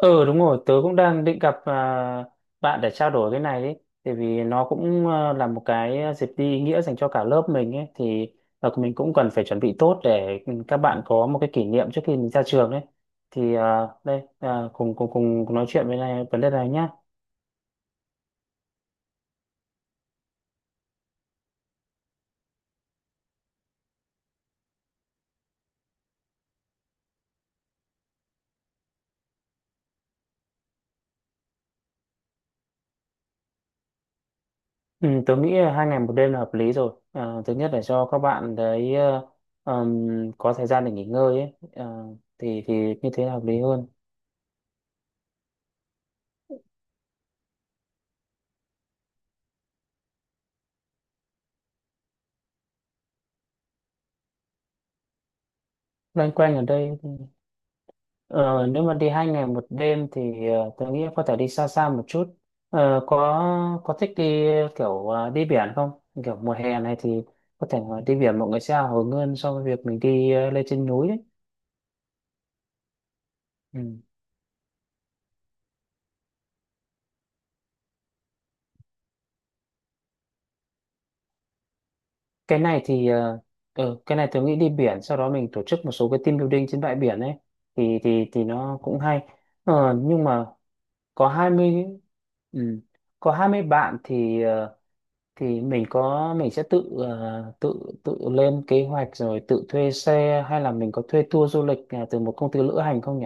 Ừ, đúng rồi, tớ cũng đang định gặp bạn để trao đổi cái này ấy. Tại vì nó cũng là một cái dịp đi ý nghĩa dành cho cả lớp mình ấy. Thì à, mình cũng cần phải chuẩn bị tốt để ừ, các bạn có một cái kỷ niệm trước khi mình ra trường ấy. Thì đây, cùng nói chuyện với này, vấn đề này nhá. Ừ, tớ nghĩ là 2 ngày 1 đêm là hợp lý rồi. À, thứ nhất là cho các bạn đấy có thời gian để nghỉ ngơi ấy. À, thì như thế là hợp lý hơn. Loanh quanh ở đây. Ờ, nếu mà đi hai ngày một đêm thì tôi nghĩ có thể đi xa xa một chút. Ờ, có thích đi kiểu đi biển không? Kiểu mùa hè này thì có thể là đi biển mọi người sẽ hào hứng hơn so với việc mình đi lên trên núi đấy. Ừ. Cái này thì cái này tôi nghĩ đi biển sau đó mình tổ chức một số cái team building trên bãi biển ấy thì nó cũng hay. Ờ, nhưng mà có 20. Ừ. Có 20 bạn thì thì mình sẽ tự ờ, tự tự lên kế hoạch rồi tự thuê xe, hay là mình có thuê tour du lịch từ một công ty lữ hành không nhỉ?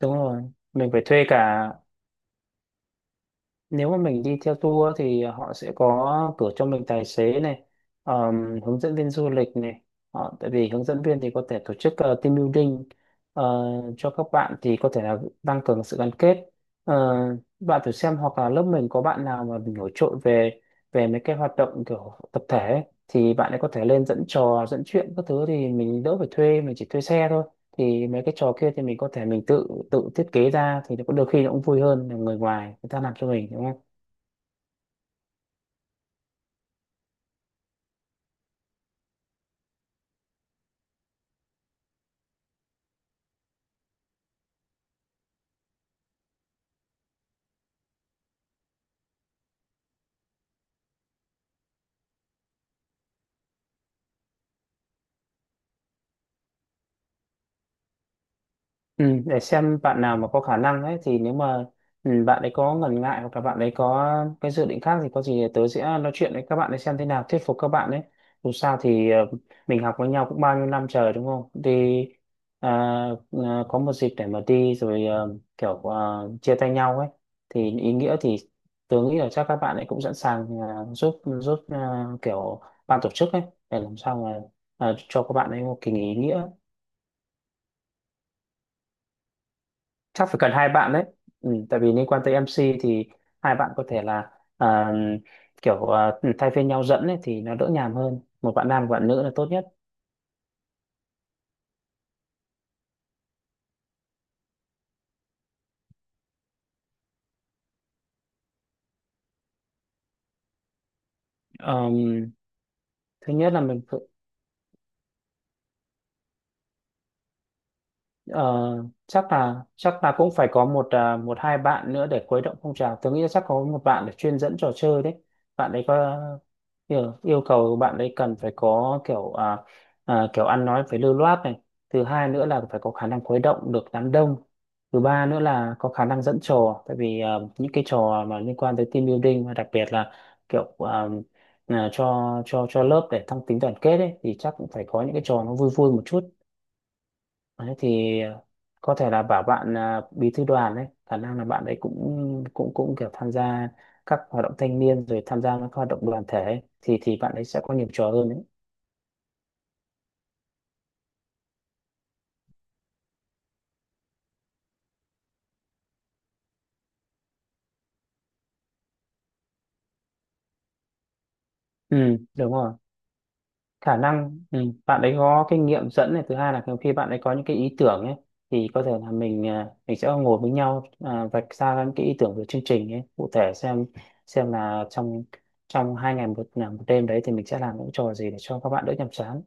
Đúng rồi, mình phải thuê cả, nếu mà mình đi theo tour thì họ sẽ có cử cho mình tài xế này, hướng dẫn viên du lịch này, họ tại vì hướng dẫn viên thì có thể tổ chức team building ờ, cho các bạn thì có thể là tăng cường sự gắn kết. Ờ, bạn thử xem hoặc là lớp mình có bạn nào mà mình nổi trội về về mấy cái hoạt động kiểu tập thể ấy, thì bạn ấy có thể lên dẫn trò dẫn chuyện các thứ thì mình đỡ phải thuê, mình chỉ thuê xe thôi, thì mấy cái trò kia thì mình có thể mình tự tự thiết kế ra thì nó có đôi khi nó cũng vui hơn là người ngoài người ta làm cho mình đúng không. Ừ, để xem bạn nào mà có khả năng ấy thì nếu mà ừ, bạn ấy có ngần ngại hoặc là bạn ấy có cái dự định khác thì có gì thì tớ sẽ nói chuyện với các bạn ấy xem thế nào, thuyết phục các bạn ấy. Dù sao thì mình học với nhau cũng bao nhiêu năm trời đúng không đi, à, có một dịp để mà đi rồi kiểu chia tay nhau ấy thì ý nghĩa, thì tớ nghĩ là chắc các bạn ấy cũng sẵn sàng ờ, giúp giúp ờ, kiểu ban tổ chức ấy để làm sao mà cho các bạn ấy một kỳ nghỉ ý nghĩa. Chắc phải cần hai bạn đấy, ừ, tại vì liên quan tới MC thì hai bạn có thể là à, kiểu thay phiên nhau dẫn ấy, thì nó đỡ nhàm hơn, một bạn nam một bạn nữ là tốt nhất. Ờm, thứ nhất là mình. Ờ, chắc là cũng phải có một một hai bạn nữa để khuấy động phong trào. Tôi nghĩ là chắc có một bạn để chuyên dẫn trò chơi đấy. Bạn ấy có kiểu, yêu cầu bạn ấy cần phải có kiểu ăn nói phải lưu loát này. Thứ hai nữa là phải có khả năng khuấy động được đám đông. Thứ ba nữa là có khả năng dẫn trò. Tại vì những cái trò mà liên quan tới team building và đặc biệt là kiểu à, cho cho lớp để tăng tính đoàn kết ấy thì chắc cũng phải có những cái trò nó vui vui một chút. Đấy, thì có thể là bảo bạn bí thư đoàn đấy, khả năng là bạn ấy cũng cũng cũng kiểu tham gia các hoạt động thanh niên, rồi tham gia các hoạt động đoàn thể ấy, thì bạn ấy sẽ có nhiều trò hơn đấy. Ừ đúng rồi, khả năng ừ, bạn ấy có kinh nghiệm dẫn này, thứ hai là khi bạn ấy có những cái ý tưởng ấy thì có thể là mình sẽ ngồi với nhau, vạch ra những cái ý tưởng về chương trình ấy cụ thể, xem là trong trong hai ngày một, là một đêm đấy thì mình sẽ làm những trò gì để cho các bạn đỡ nhàm chán.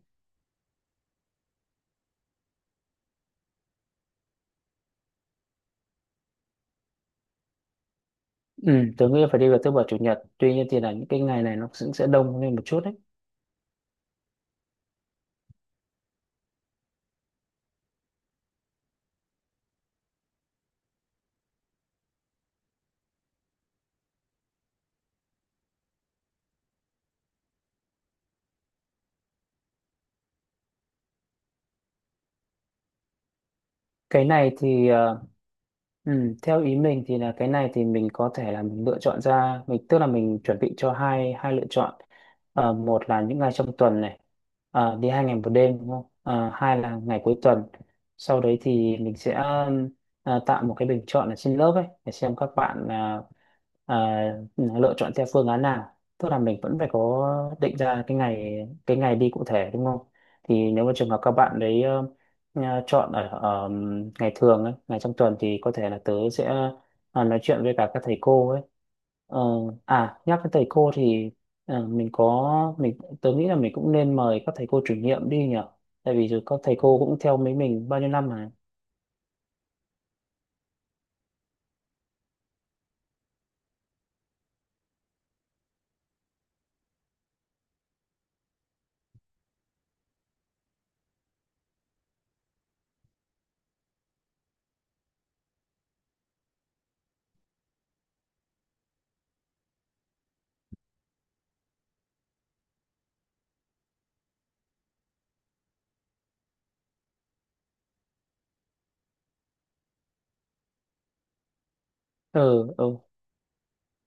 Ừ, tớ nghĩ là phải đi vào thứ bảy chủ nhật, tuy nhiên thì là những cái ngày này nó cũng sẽ đông lên một chút đấy. Cái này thì ừ, theo ý mình thì là cái này thì mình có thể là mình lựa chọn ra, mình tức là mình chuẩn bị cho hai hai lựa chọn. Ờ, một là những ngày trong tuần này đi hai ngày một đêm đúng không. Ờ, hai là ngày cuối tuần, sau đấy thì mình sẽ tạo một cái bình chọn ở trên lớp ấy để xem các bạn à, lựa chọn theo phương án nào, tức là mình vẫn phải có định ra cái ngày đi cụ thể đúng không, thì nếu mà trường hợp các bạn đấy nhà chọn ở ngày thường ấy, ngày trong tuần, thì có thể là tớ sẽ nói chuyện với cả các thầy cô ấy. Ờ, à nhắc đến thầy cô thì mình tớ nghĩ là mình cũng nên mời các thầy cô chủ nhiệm đi nhỉ. Tại vì rồi các thầy cô cũng theo mấy mình bao nhiêu năm mà. Ừ ừ.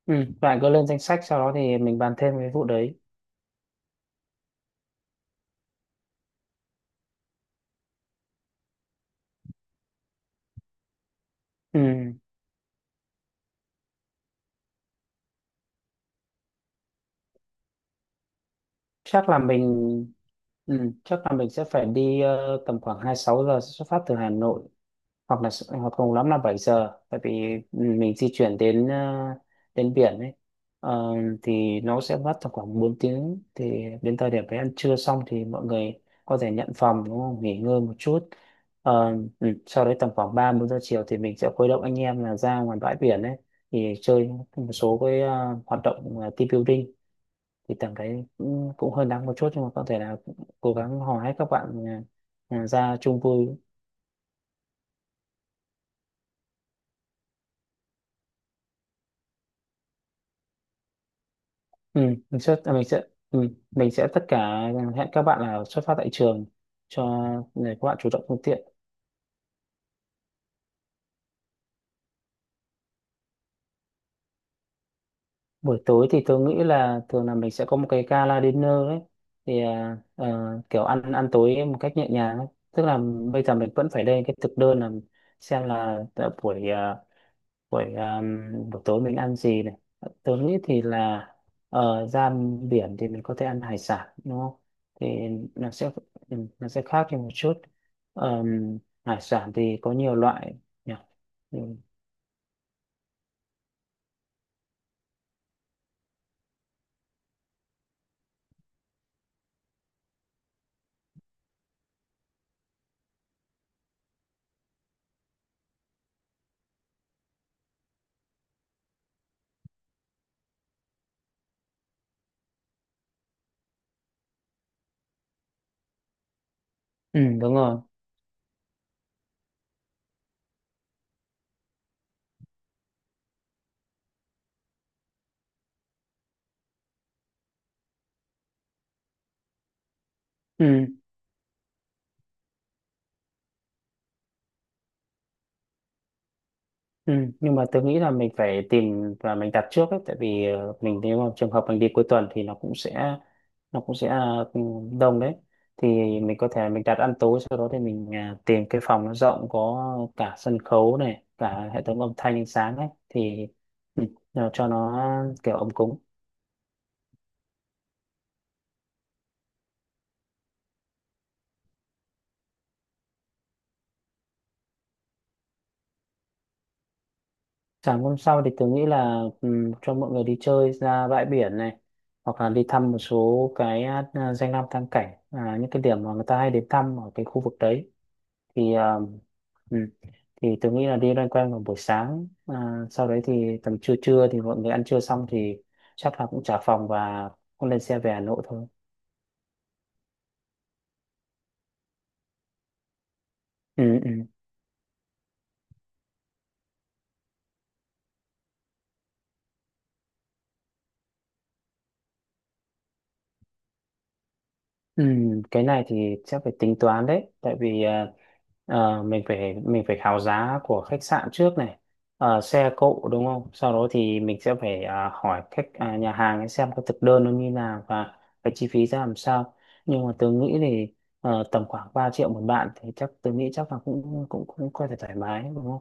Ừ, bạn cứ lên danh sách sau đó thì mình bàn thêm cái vụ đấy. Ừ, chắc là mình ừ, chắc là mình sẽ phải đi tầm khoảng 26 giờ xuất phát từ Hà Nội, hoặc là hoặc cùng lắm là 7 giờ, tại vì mình di chuyển đến đến biển ấy, Ờ, thì nó sẽ mất tầm khoảng 4 tiếng, thì đến thời điểm đấy ăn trưa xong thì mọi người có thể nhận phòng đúng không, nghỉ ngơi một chút. Ờ, ừ, sau đấy tầm khoảng 3 4 giờ chiều thì mình sẽ khuấy động anh em là ra ngoài bãi biển ấy thì chơi một số cái hoạt động team building, thì tầm đấy cũng, cũng hơi nắng một chút nhưng mà có thể là cố gắng hò hét các bạn ra chung vui. Ừ, mình sẽ ừ, mình sẽ tất cả hẹn các bạn là xuất phát tại trường, cho để các bạn chủ động phương tiện. Buổi tối thì tôi nghĩ là thường là mình sẽ có một cái gala dinner ấy, thì kiểu ăn ăn tối một cách nhẹ nhàng ấy. Tức là bây giờ mình vẫn phải lên cái thực đơn, là xem là tại buổi à, buổi buổi tối mình ăn gì này, tớ nghĩ thì là ở ra biển thì mình có thể ăn hải sản đúng không, thì nó sẽ nó sẽ khác đi một chút. Ờm, hải sản thì có nhiều loại nhỉ. Ừ, ừ, đúng rồi. Ừ. Ừ, nhưng mà tôi nghĩ là mình phải tìm và mình đặt trước ấy, tại vì mình nếu mà trường hợp mình đi cuối tuần thì nó cũng sẽ đông đấy, thì mình có thể mình đặt ăn tối, sau đó thì mình tìm cái phòng nó rộng, có cả sân khấu này, cả hệ thống âm thanh ánh sáng ấy, thì ừ, cho nó kiểu ấm cúng. Sáng hôm sau thì tôi nghĩ là ừ, cho mọi người đi chơi ra bãi biển này, hoặc là đi thăm một số cái danh lam thắng cảnh, những cái điểm mà người ta hay đến thăm ở cái khu vực đấy, thì ừ, thì tôi nghĩ là đi loanh quanh vào buổi sáng, sau đấy thì tầm trưa trưa thì mọi người ăn trưa xong thì chắc là cũng trả phòng và cũng lên xe về Hà Nội thôi. Ừ, ừ. Ừ, cái này thì chắc phải tính toán đấy, tại vì mình phải khảo giá của khách sạn trước này, Ờ, xe cộ đúng không? Sau đó thì mình sẽ phải hỏi nhà hàng ấy xem cái thực đơn nó như nào, và cái chi phí ra làm sao. Nhưng mà tôi nghĩ thì tầm khoảng 3 triệu một bạn thì chắc tôi nghĩ chắc là cũng cũng cũng có thể thoải mái đúng không?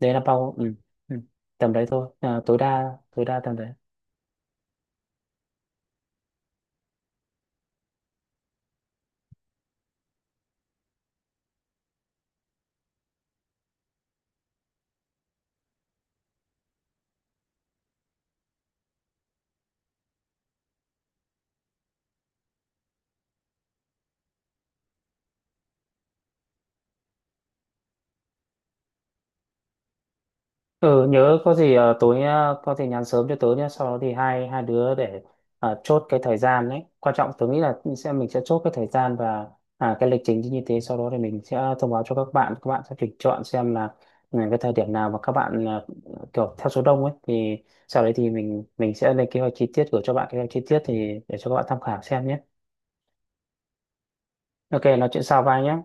Đấy là bao ừ, ừ, tầm đấy thôi. Ờ, tối đa tầm đấy. Ừ, nhớ có gì tối có thể nhắn sớm cho tớ nhé, sau đó thì hai hai đứa để chốt cái thời gian đấy, quan trọng tớ nghĩ là sẽ mình sẽ chốt cái thời gian và cái lịch trình như thế, sau đó thì mình sẽ thông báo cho các bạn, các bạn sẽ tuyển chọn xem là ừ, cái thời điểm nào mà các bạn kiểu theo số đông ấy thì sau đấy thì mình sẽ lên kế hoạch chi tiết gửi cho bạn, kế hoạch chi tiết thì để cho các bạn tham khảo xem nhé. OK, nói chuyện sau, bye nhé.